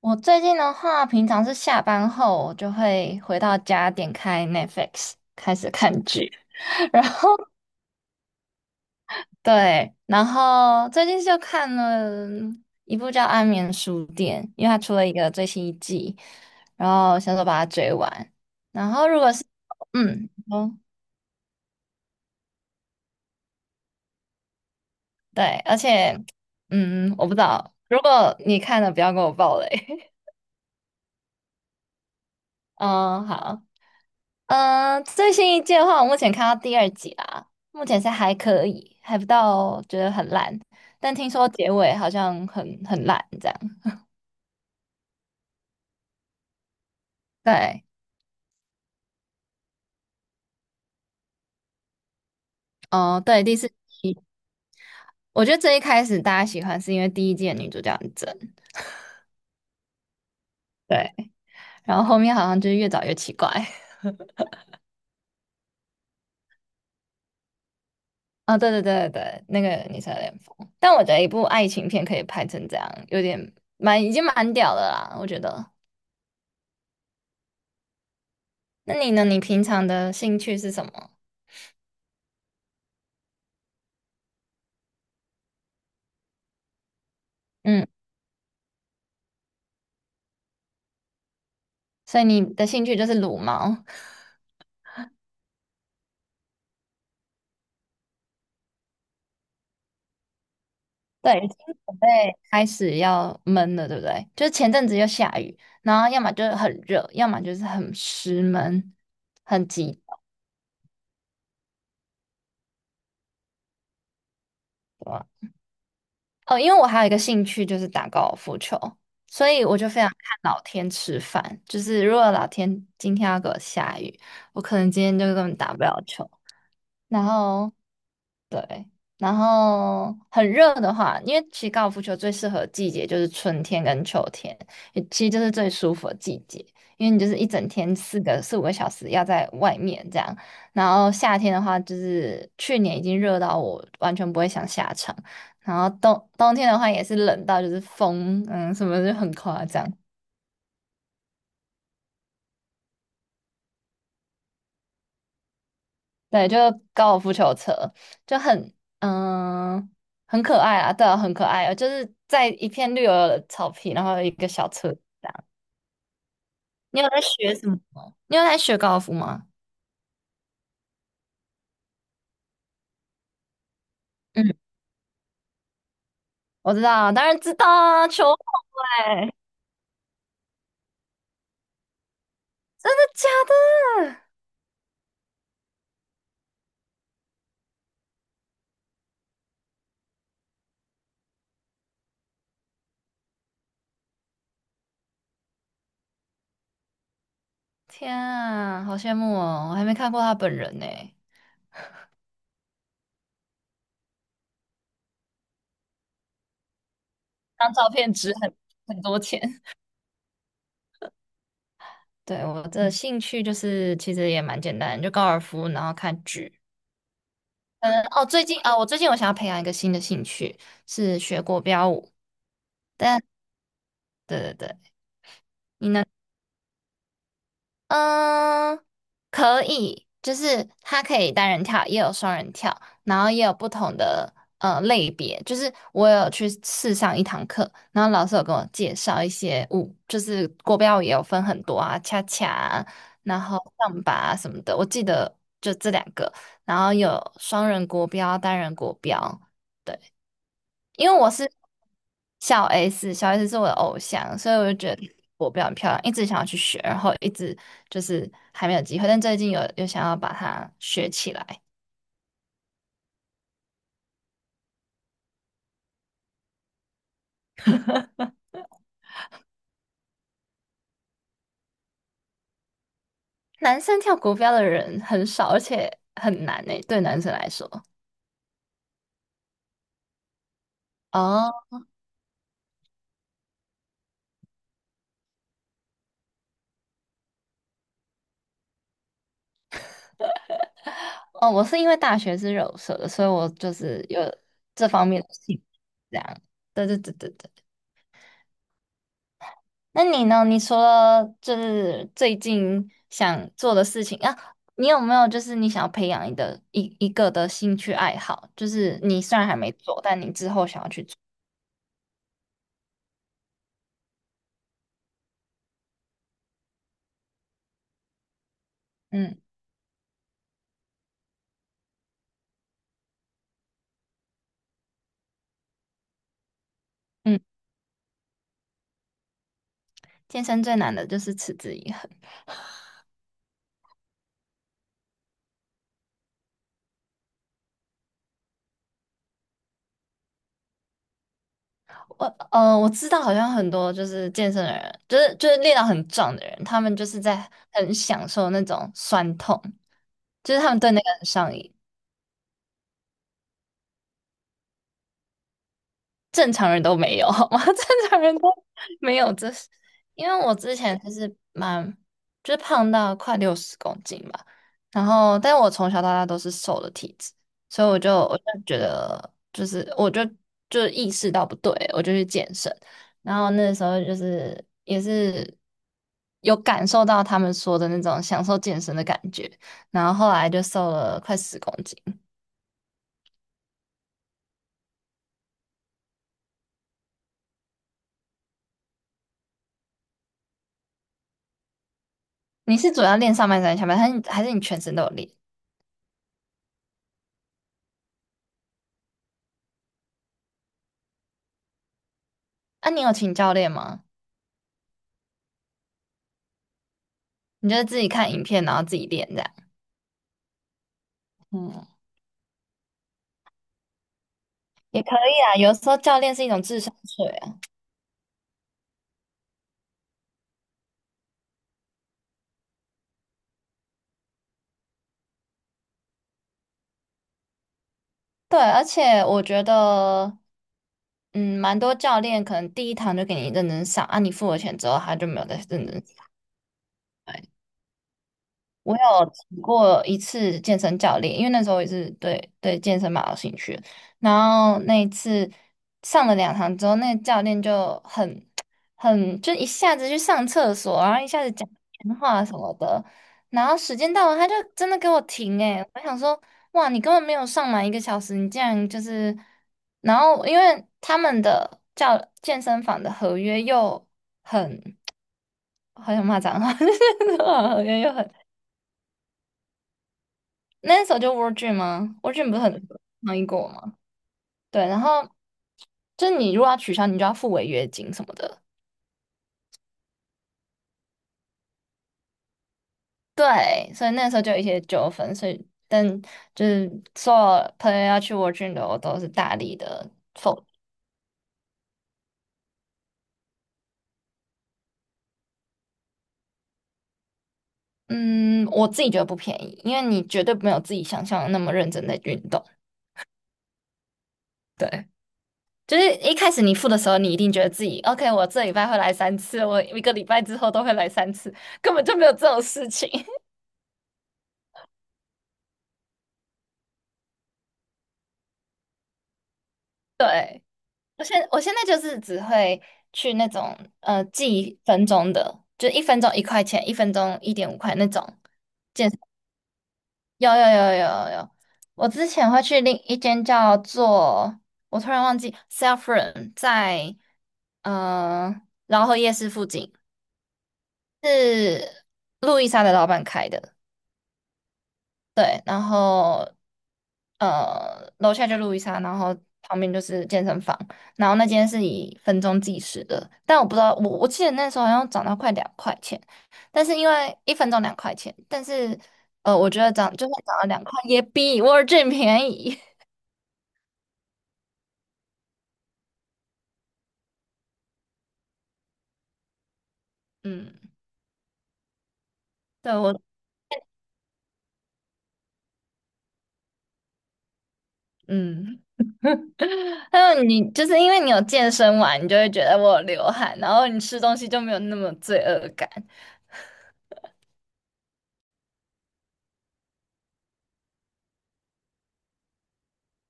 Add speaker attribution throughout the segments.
Speaker 1: 我最近的话，平常是下班后我就会回到家，点开 Netflix 开始看剧，然后对，然后最近就看了一部叫《安眠书店》，因为它出了一个最新一季，然后想说把它追完。然后如果是，哦，对，而且我不知道，如果你看了不要跟我爆雷。嗯，好。最新一季的话，我目前看到第二集啦，目前是还可以，还不到觉得很烂，但听说结尾好像很烂这样。对，哦，对，第四季。我觉得最一开始大家喜欢是因为第一季的女主角很正，对，然后后面好像就是越找越奇怪。啊、对对对对对，那个女生有点疯，但我觉得一部爱情片可以拍成这样，有点蛮已经蛮屌的啦，我觉得。那你呢？你平常的兴趣是什么？嗯。所以你的兴趣就是撸猫。对，已经准备开始要闷了，对不对？就是前阵子又下雨，然后要么就是很热，要么就是很湿闷，很急躁。哦，因为我还有一个兴趣就是打高尔夫球，所以我就非常看老天吃饭。就是如果老天今天要给我下雨，我可能今天就根本打不了球。然后对，然后很热的话，因为其实高尔夫球最适合的季节就是春天跟秋天，也其实就是最舒服的季节，因为你就是一整天四五个小时要在外面这样。然后夏天的话，就是去年已经热到我完全不会想下场，然后冬天的话也是冷到就是风，什么就很夸张。对，就高尔夫球车，就很嗯很可爱啊，对啊，很可爱啊，就是在一片绿油油的草皮，然后有一个小车。你有在学什么吗？你有在学高尔夫吗？嗯，我知道，当然知道啊，球拍，真的假的？天啊，好羡慕哦，我还没看过他本人呢。当照片值很多钱。对，我的兴趣就是其实也蛮简单，就高尔夫，然后看剧。最近啊，我最近我想要培养一个新的兴趣，是学国标舞。但对对对，你呢？嗯，可以，就是它可以单人跳，也有双人跳，然后也有不同的类别。就是我有去试上一堂课，然后老师有跟我介绍一些舞，就是国标舞也有分很多啊，恰恰啊然后上把啊什么的。我记得就这2个，然后有双人国标、单人国标。对。因为我是小 S,小 S 是我的偶像，所以我就觉得我比较漂亮，一直想要去学，然后一直就是还没有机会，但最近有想要把它学起来。男生跳国标的人很少，而且很难诶，对男生来说。哦哦，我是因为大学是柔社的，所以我就是有这方面的兴趣，这样。对对对对对。那你呢？你除了就是最近想做的事情啊，你有没有就是你想要培养你的一个的兴趣爱好？就是你虽然还没做，但你之后想要去做。嗯嗯，健身最难的就是持之以恒。我我知道好像很多就是健身的人，就是练到很壮的人，他们就是在很享受那种酸痛，就是他们对那个很上瘾。正常人都没有，好吗？正常人都没有这，因为我之前就是蛮，胖到快60公斤吧，然后，但我从小到大都是瘦的体质，所以我就觉得，就是我就意识到不对，我就去健身，然后那时候就是也是有感受到他们说的那种享受健身的感觉，然后后来就瘦了快十公斤。你是主要练上半身还是下半身，还是你全身都有练？啊，你有请教练吗？你就是自己看影片，然后自己练这样？嗯，也可以啊，有时候教练是一种智商税啊。对，而且我觉得，蛮多教练可能第一堂就给你认真上，啊，你付了钱之后，他就没有再认真。我有请过一次健身教练，因为那时候也是对健身蛮有兴趣的，然后那一次上了2堂之后，那个教练就很 很就一下子去上厕所，然后一下子讲电话什么的。然后时间到了，他就真的给我停诶、我想说，哇，你根本没有上满1个小时，你竟然就是……然后因为他们的教健身房的合约又很，好像骂脏话，合约又很。那时候就 World d r e a 吗？World d 不是很抗议过吗？对，然后就你如果要取消，你就要付违约金什么的。对，所以那时候就有一些纠纷，所以但就是所有朋友要去 World d 的，我都是大力的否。嗯，我自己觉得不便宜，因为你绝对没有自己想象的那么认真的运动。对，就是一开始你付的时候，你一定觉得自己 OK,我这礼拜会来三次，我一个礼拜之后都会来三次，根本就没有这种事情。对。我现在就是只会去那种记一分钟的，就一分钟1块钱，一分钟1.5块那种健身。有有有有有有，我之前会去另一间叫做我突然忘记 Self r o n m 在呃饶河夜市附近，是路易莎的老板开的。对，然后楼下就路易莎，然后旁边就是健身房，然后那间是以分钟计时的，但我不知道，我记得那时候好像涨到快两块钱，但是因为一分钟两块钱，但是我觉得涨就算涨到两块，也比 World Gym 便宜。嗯，对我，嗯，还有你就是因为你有健身完，你就会觉得我有流汗，然后你吃东西就没有那么罪恶感，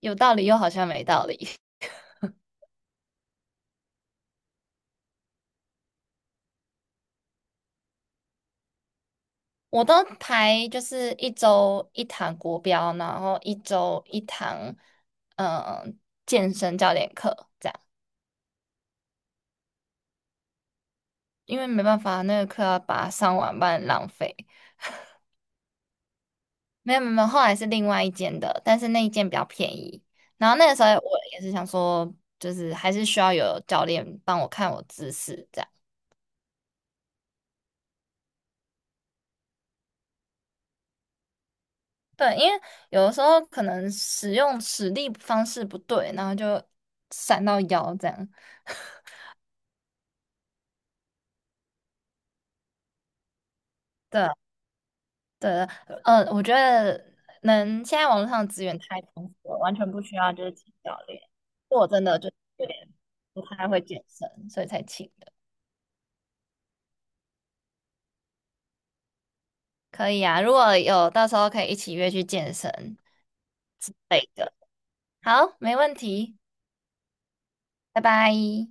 Speaker 1: 有道理又好像没道理。我都排就是一周一堂国标，然后一周一堂，嗯、健身教练课这样，因为没办法，那个课要把它上完，不然浪费。没有没有，没有后来是另外一间的，但是那一间比较便宜。然后那个时候我也是想说，就是还是需要有教练帮我看我姿势这样。对，因为有的时候可能使力方式不对，然后就闪到腰这样。对。对，我觉得能，现在网络上的资源太丰富了，完全不需要就是请教练。我真的就有点不太会健身，所以才请的。可以啊，如果有到时候可以一起约去健身之类的。好，没问题，拜拜。